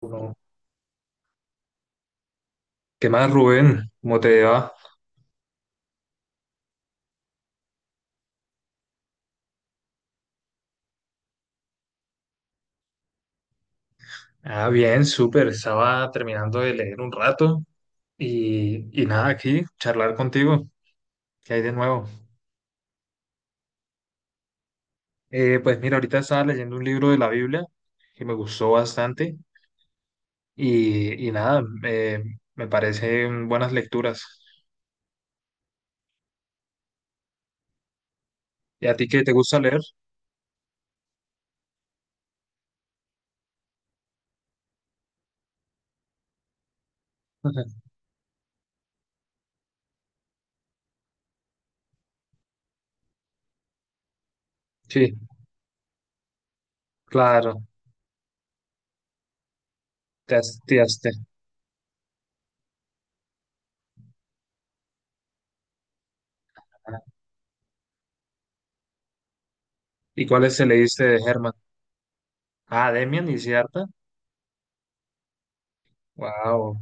Uno. ¿Qué más, Rubén? ¿Cómo te va? Ah, bien, súper. Estaba terminando de leer un rato y nada, aquí, charlar contigo. ¿Qué hay de nuevo? Pues mira, ahorita estaba leyendo un libro de la Biblia que me gustó bastante y nada, me parecen buenas lecturas. ¿Y a ti qué te gusta leer? Ajá. Sí, claro, te hastiaste. ¿Y cuáles te leíste de Herman? Ah, Demian y Siddhartha. Wow.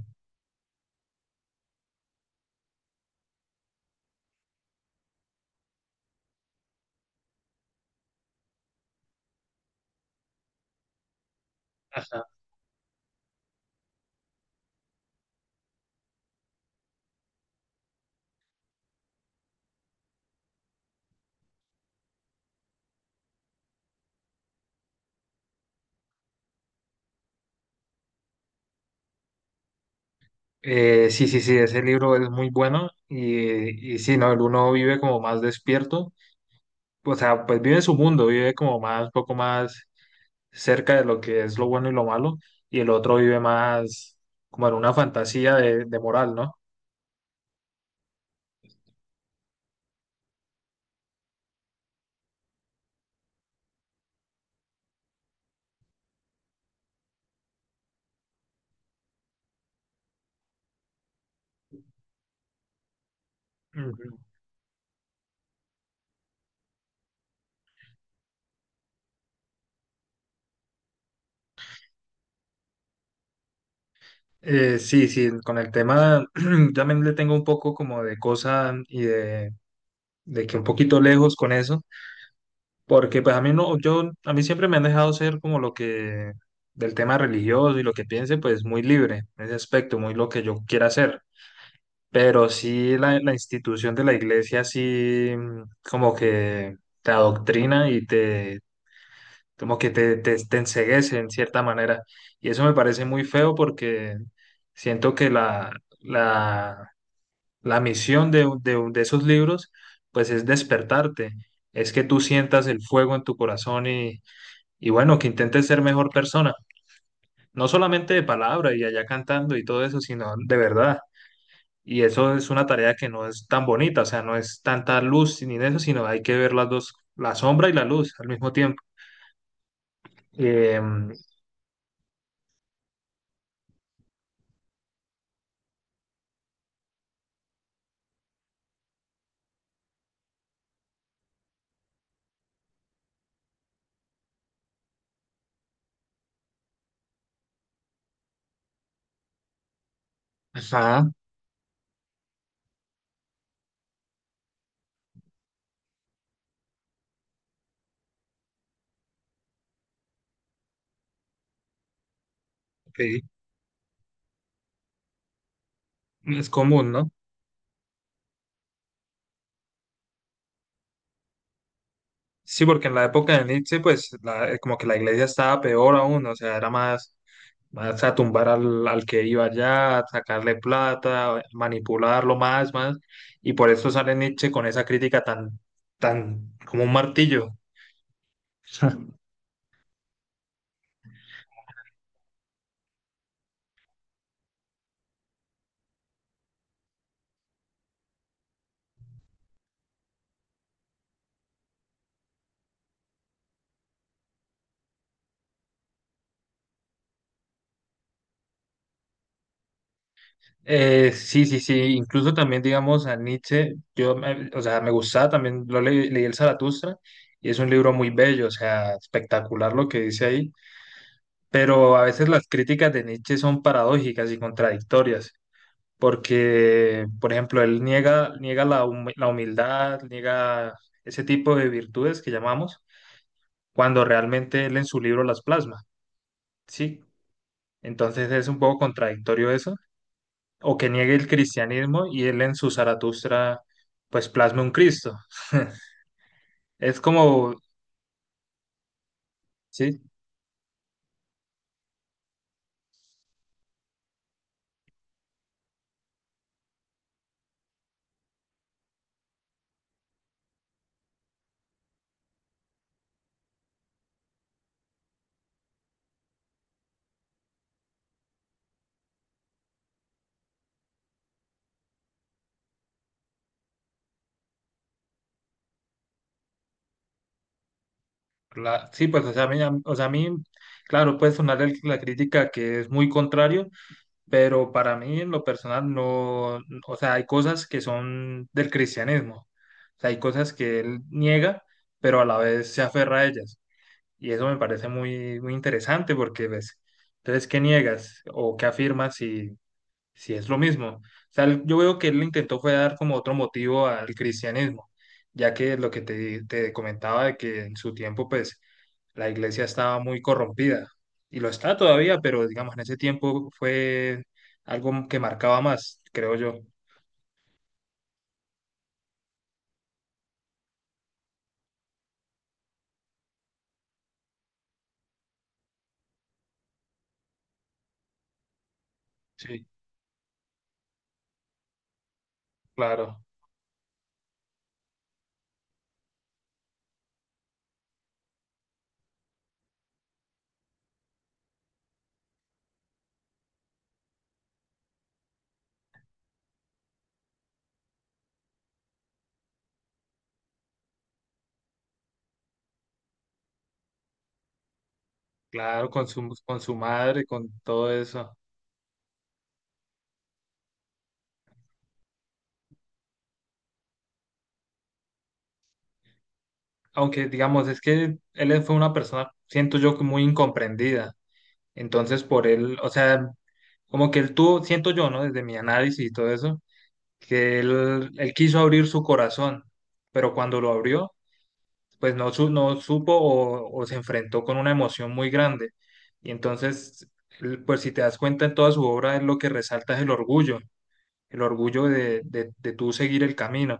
Sí, sí, sí, ese libro es muy bueno y, sí, ¿no? El uno vive como más despierto, o sea, pues vive su mundo, vive como más, poco más cerca de lo que es lo bueno y lo malo, y el otro vive más como en una fantasía de moral, ¿no? Ujú. Sí, sí, con el tema también le tengo un poco como de cosa y de que un poquito lejos con eso. Porque pues a mí no, yo, a mí siempre me han dejado ser como lo que, del tema religioso y lo que piense, pues muy libre en ese aspecto, muy lo que yo quiera hacer. Pero sí la institución de la iglesia sí como que te adoctrina y te, como que te enceguece en cierta manera. Y eso me parece muy feo porque siento que la, la misión de, un de, un de esos libros pues es despertarte, es que tú sientas el fuego en tu corazón y bueno, que intente ser mejor persona, no solamente de palabra y allá cantando y todo eso, sino de verdad. Y eso es una tarea que no es tan bonita, o sea, no es tanta luz ni de eso, sino hay que ver las dos, la sombra y la luz al mismo tiempo. Em, ajá, sí. Es común, ¿no? Sí, porque en la época de Nietzsche, pues, la- como que la iglesia estaba peor aún, o sea, era más. Vas a tumbar al, al que iba allá, sacarle plata, manipularlo más, más. Y por eso sale Nietzsche con esa crítica tan, tan como un martillo. Sí, sí, sí. Incluso también, digamos, a Nietzsche, yo, me- o sea, me gustaba también, lo le- leí el Zaratustra y es un libro muy bello, o sea, espectacular lo que dice ahí. Pero a veces las críticas de Nietzsche son paradójicas y contradictorias, porque, por ejemplo, él niega, niega la, humi- la humildad, niega ese tipo de virtudes que llamamos, cuando realmente él en su libro las plasma, ¿sí? Entonces es un poco contradictorio eso, o que niegue el cristianismo y él en su Zaratustra, pues plasma un Cristo. Es como, sí, la- sí, pues, o sea, a mí, a- o sea, a mí, claro, puede sonar el- la crítica que es muy contrario, pero para mí en lo personal no, o sea, hay cosas que son del cristianismo, o sea, hay cosas que él niega, pero a la vez se aferra a ellas, y eso me parece muy, muy interesante porque ves, entonces, ¿qué niegas o qué afirmas si, sí, es lo mismo? O sea, él- yo veo que él intentó fue dar como otro motivo al cristianismo, ya que lo que te comentaba de que en su tiempo, pues, la iglesia estaba muy corrompida, y lo está todavía, pero digamos, en ese tiempo fue algo que marcaba más, creo yo. Sí, claro, claro, con su madre, con todo eso. Aunque, digamos, es que él fue una persona, siento yo, que muy incomprendida. Entonces, por él, o sea, como que él tuvo, siento yo, ¿no? Desde mi análisis y todo eso, que él quiso abrir su corazón, pero cuando lo abrió, pues no, su- no supo o se enfrentó con una emoción muy grande. Y entonces, él, pues si te das cuenta en toda su obra, él lo que resalta es el orgullo de tú seguir el camino.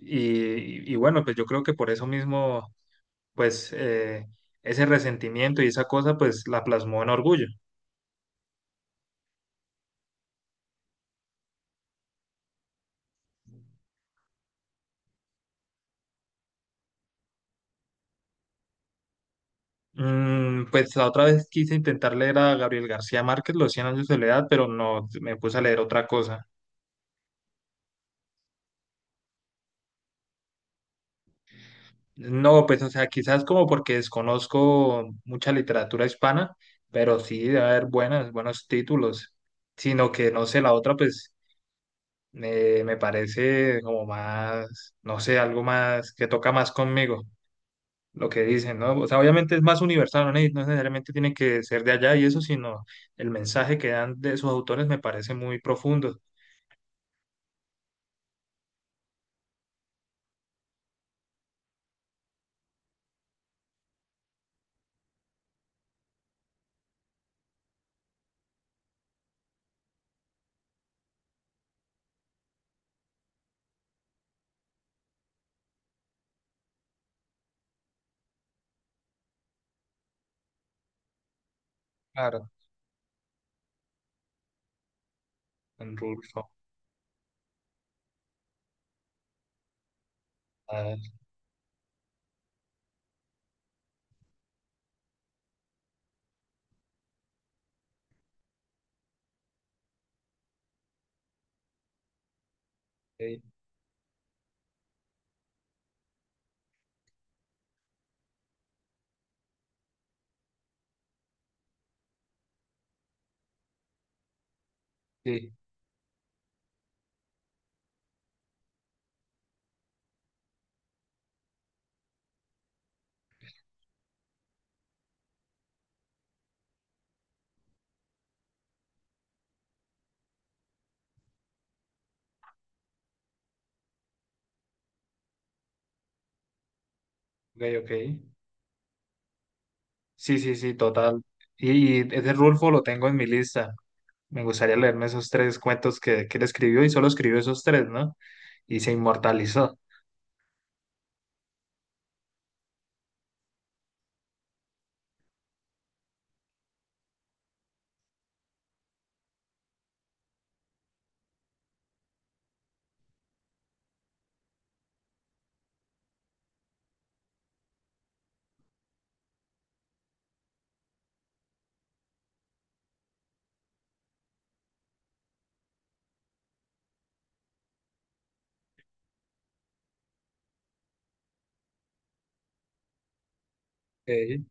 Y bueno, pues yo creo que por eso mismo, pues ese resentimiento y esa cosa, pues la plasmó en orgullo. Pues la otra vez quise intentar leer a Gabriel García Márquez, Los cien años de soledad, pero no, me puse a leer otra cosa. No, pues o sea, quizás como porque desconozco mucha literatura hispana, pero sí debe haber buenas, buenos títulos, sino que no sé, la otra pues me parece como más, no sé, algo más que toca más conmigo, lo que dicen, ¿no? O sea, obviamente es más universal, no, ne- no necesariamente tiene que ser de allá y eso, sino el mensaje que dan de sus autores me parece muy profundo. Claro, en Rulfo. A ver, ok, sí, ok, ok. Sí, sí, sí, total. Y ese Rulfo lo tengo en mi lista. Me gustaría leerme esos 3 cuentos que él escribió y solo escribió esos 3, ¿no? Y se inmortalizó. Ok,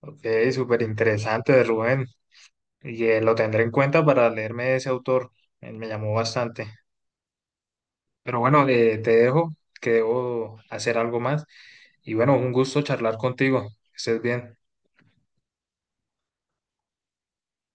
ok, súper interesante de Rubén. Y lo tendré en cuenta para leerme ese autor. Me llamó bastante. Pero bueno, te dejo, que debo hacer algo más. Y bueno, un gusto charlar contigo. Que estés bien.